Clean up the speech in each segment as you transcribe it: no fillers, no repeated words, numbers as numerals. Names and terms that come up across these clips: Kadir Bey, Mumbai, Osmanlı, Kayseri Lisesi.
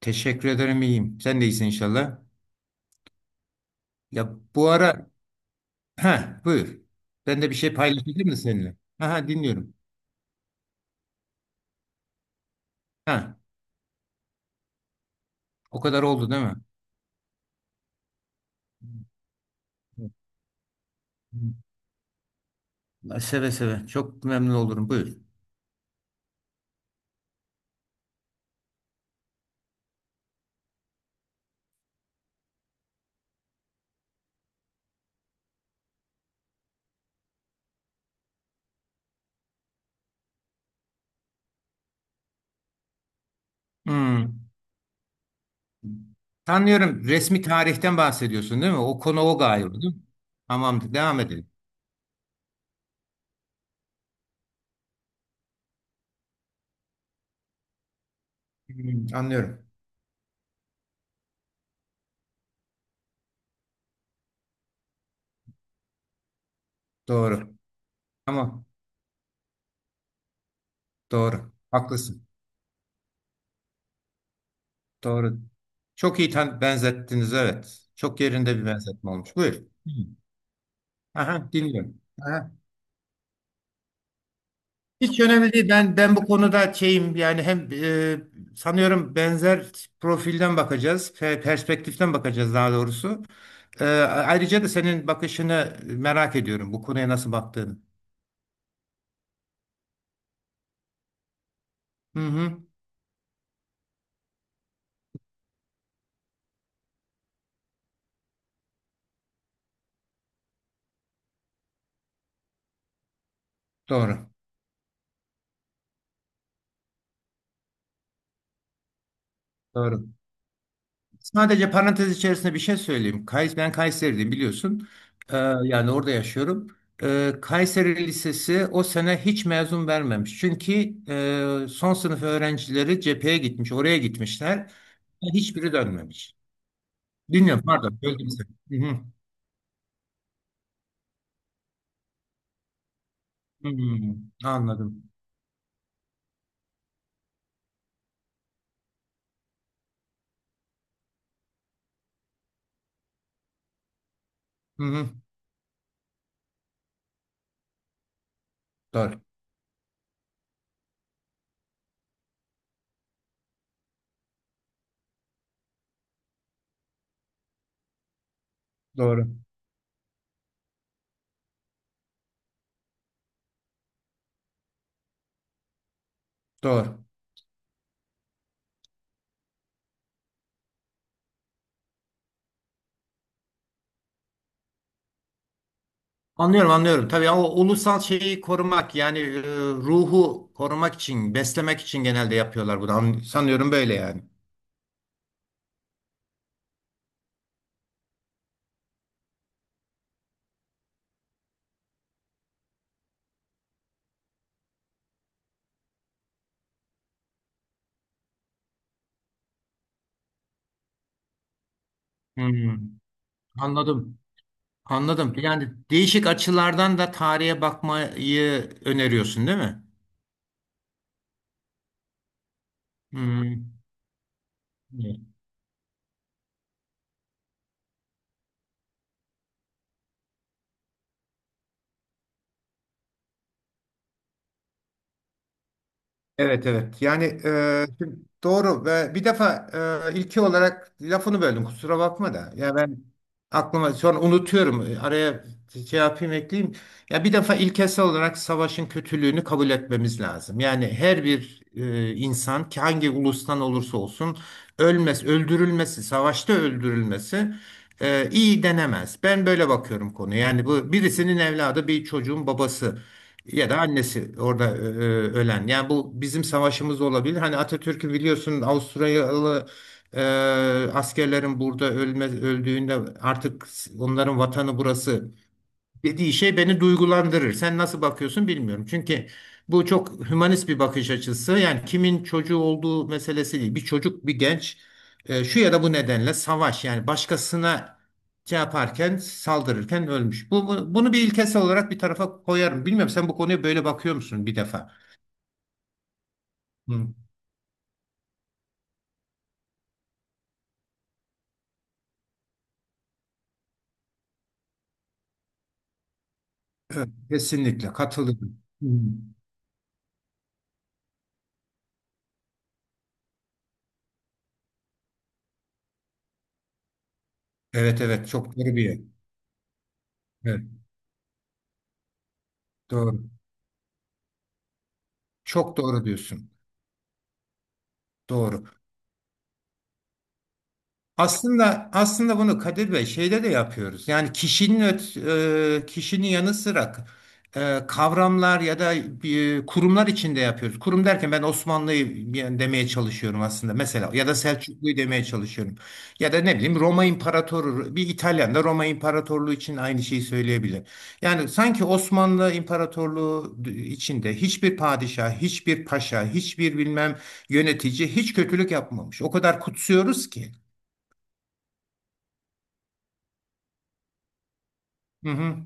Teşekkür ederim, iyiyim. Sen de iyisin inşallah. Ya, bu ara. Ha, buyur. Ben de bir şey paylaşabilir miyim seninle? Aha, dinliyorum. Ha, o kadar oldu değil mi? Hı. Seve seve. Çok memnun olurum. Buyur. Hmm. Sanıyorum resmi tarihten bahsediyorsun değil mi? O konu o galiba değil mi? Tamamdır. Devam edelim. Hmm, anlıyorum. Doğru. Tamam. Doğru. Haklısın. Doğru. Çok iyi benzettiniz, evet. Çok yerinde bir benzetme olmuş. Buyur. Aha, dinliyorum. Aha. Hiç önemli değil. Ben bu konuda şeyim yani hem sanıyorum benzer profilden bakacağız, perspektiften bakacağız daha doğrusu. Ayrıca da senin bakışını merak ediyorum, bu konuya nasıl baktığını. Hı hı. Doğru. Doğru. Sadece parantez içerisinde bir şey söyleyeyim. Ben Kayseri'deyim, biliyorsun. Ee, Yani orada yaşıyorum. Kayseri Lisesi o sene hiç mezun vermemiş. Çünkü son sınıf öğrencileri cepheye gitmiş, oraya gitmişler. Hiçbiri dönmemiş. Dinliyorum, pardon, böldüm seni. Hı hı. Hı hı. Anladım. Hı hı. Doğru, doğru, doğru. Anlıyorum, anlıyorum. Tabii o ulusal şeyi korumak, yani ruhu korumak için, beslemek için genelde yapıyorlar bunu. Sanıyorum böyle yani. Hmm, anladım. Anladım. Yani değişik açılardan da tarihe bakmayı öneriyorsun, değil mi? Hmm. Evet, evet. Yani şimdi doğru ve bir defa ilki olarak lafını böldüm, kusura bakma da. Ya ben aklıma sonra unutuyorum. Araya şey yapayım, ekleyeyim. Ya bir defa ilkesel olarak savaşın kötülüğünü kabul etmemiz lazım. Yani her bir insan, ki hangi ulustan olursa olsun ölmez, öldürülmesi, savaşta öldürülmesi iyi denemez. Ben böyle bakıyorum konuya. Yani bu birisinin evladı, bir çocuğun babası ya da annesi orada ölen. Yani bu bizim savaşımız olabilir. Hani Atatürk'ü biliyorsun, Avusturyalı ee, askerlerin burada öldüğünde artık onların vatanı burası dediği şey beni duygulandırır. Sen nasıl bakıyorsun bilmiyorum. Çünkü bu çok hümanist bir bakış açısı. Yani kimin çocuğu olduğu meselesi değil. Bir çocuk, bir genç şu ya da bu nedenle savaş yani başkasına şey yaparken, saldırırken ölmüş. Bunu bir ilkesel olarak bir tarafa koyarım. Bilmiyorum, sen bu konuya böyle bakıyor musun bir defa? Hı. Evet, kesinlikle katılıyorum. Hı. Evet, evet, çok doğru bir yer. Evet. Doğru. Çok doğru diyorsun. Doğru. Aslında bunu Kadir Bey şeyde de yapıyoruz. Yani kişinin yanı sıra kavramlar ya da kurumlar içinde yapıyoruz. Kurum derken ben Osmanlı'yı yani demeye çalışıyorum aslında, mesela, ya da Selçuklu'yu demeye çalışıyorum. Ya da ne bileyim, Roma İmparatoru bir İtalyan da Roma İmparatorluğu için aynı şeyi söyleyebilir. Yani sanki Osmanlı İmparatorluğu içinde hiçbir padişah, hiçbir paşa, hiçbir bilmem yönetici hiç kötülük yapmamış. O kadar kutsuyoruz ki. Hı hı.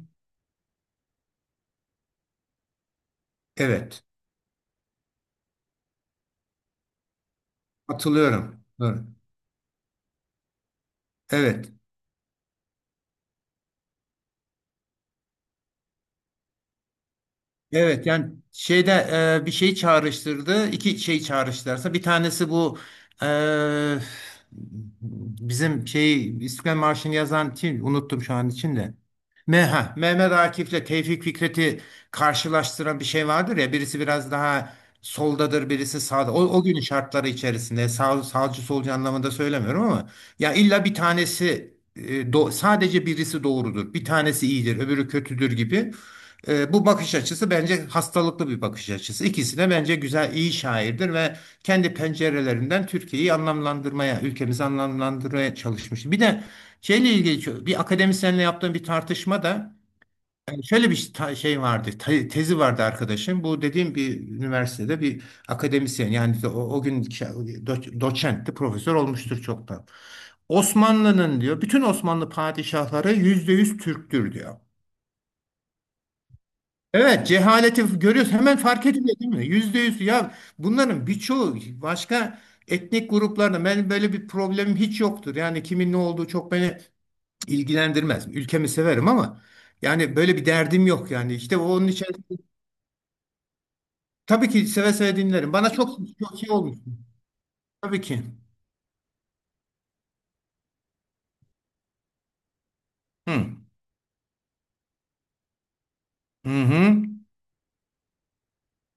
Evet. Hatırlıyorum. Doğru. Evet. Evet yani şeyde bir şey çağrıştırdı. İki şey çağrıştırsa bir tanesi bu e, bizim şey İstiklal Marşı'nı yazan kim, unuttum şu an içinde. Mehmet Akif'le Tevfik Fikret'i karşılaştıran bir şey vardır ya, birisi biraz daha soldadır, birisi sağda. O günün şartları içerisinde sağcı solcu anlamında söylemiyorum ama ya illa bir tanesi sadece birisi doğrudur. Bir tanesi iyidir, öbürü kötüdür gibi. Bu bakış açısı bence hastalıklı bir bakış açısı. İkisi de bence güzel, iyi şairdir ve kendi pencerelerinden Türkiye'yi anlamlandırmaya, ülkemizi anlamlandırmaya çalışmış. Bir de şeyle ilgili bir akademisyenle yaptığım bir tartışmada yani şöyle bir şey vardı, tezi vardı arkadaşım. Bu dediğim bir üniversitede bir akademisyen, yani o gün doçentti, profesör olmuştur çoktan. Osmanlı'nın diyor, bütün Osmanlı padişahları %100 Türktür diyor. Evet, cehaleti görüyoruz. Hemen fark ediliyor değil mi? %100. Ya bunların birçoğu başka etnik gruplarda, ben böyle bir problemim hiç yoktur. Yani kimin ne olduğu çok beni ilgilendirmez. Ülkemi severim ama yani böyle bir derdim yok yani. İşte onun için tabii ki seve seve dinlerim. Bana çok çok iyi olmuş. Tabii ki. Hı. Hı hı.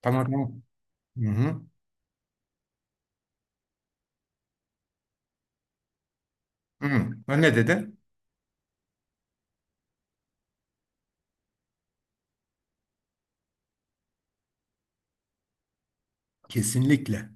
Tamam, tamam. Hı hı. Hı. Ha, ne dedi? Kesinlikle.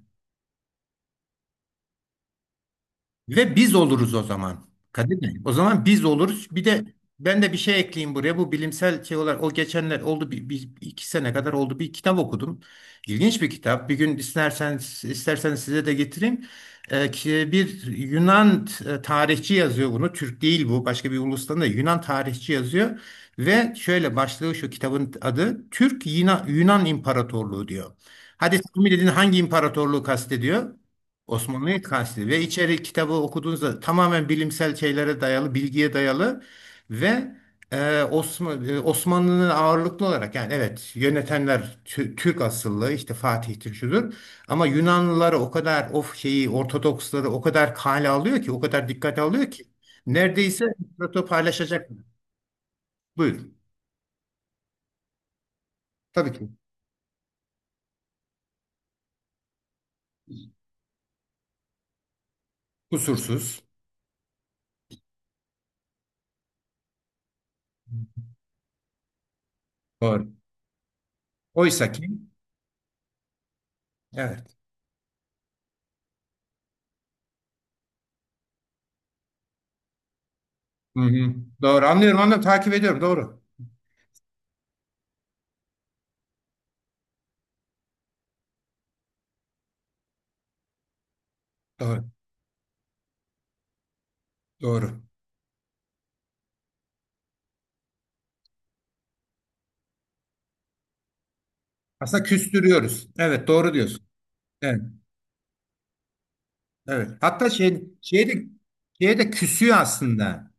Ve biz oluruz o zaman. Kadir Bey, o zaman biz oluruz. Bir de ben de bir şey ekleyeyim buraya. Bu bilimsel şey olarak, o geçenler oldu iki sene kadar oldu, bir kitap okudum. İlginç bir kitap. Bir gün isterseniz size de getireyim. Bir Yunan tarihçi yazıyor bunu. Türk değil bu. Başka bir ulustan da, Yunan tarihçi yazıyor. Ve şöyle başlığı, şu kitabın adı, Türk Yunan İmparatorluğu diyor. Hadi tahmin edin, hangi imparatorluğu kastediyor? Osmanlı'yı kastediyor. Ve içeri kitabı okuduğunuzda tamamen bilimsel şeylere dayalı, bilgiye dayalı ve Osmanlı'nın ağırlıklı olarak, yani evet, yönetenler Türk asıllı, işte Fatih'tir şudur, ama Yunanlıları o kadar of şeyi, Ortodoksları o kadar kale alıyor ki, o kadar dikkate alıyor ki neredeyse proto paylaşacak. Buyurun. Tabii ki. Kusursuz. Doğru. Oysa ki evet. Hı hı. Doğru, anlıyorum, anlıyorum, takip ediyorum, doğru. Doğru. Doğru. Aslında küstürüyoruz. Evet, doğru diyorsun. Evet, evet. Hatta şey de küsüyor aslında.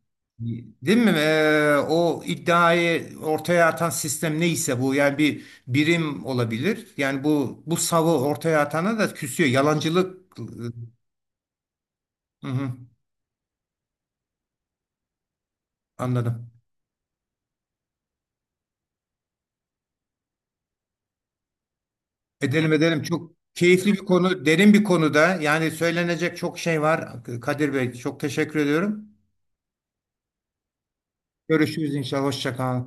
Değil mi? O iddiayı ortaya atan sistem neyse, bu yani bir birim olabilir. Yani bu savı ortaya atana da küsüyor. Yalancılık. Hı hı, anladım. Edelim, edelim. Çok keyifli bir konu, derin bir konuda. Yani söylenecek çok şey var. Kadir Bey, çok teşekkür ediyorum. Görüşürüz inşallah. Hoşça kal.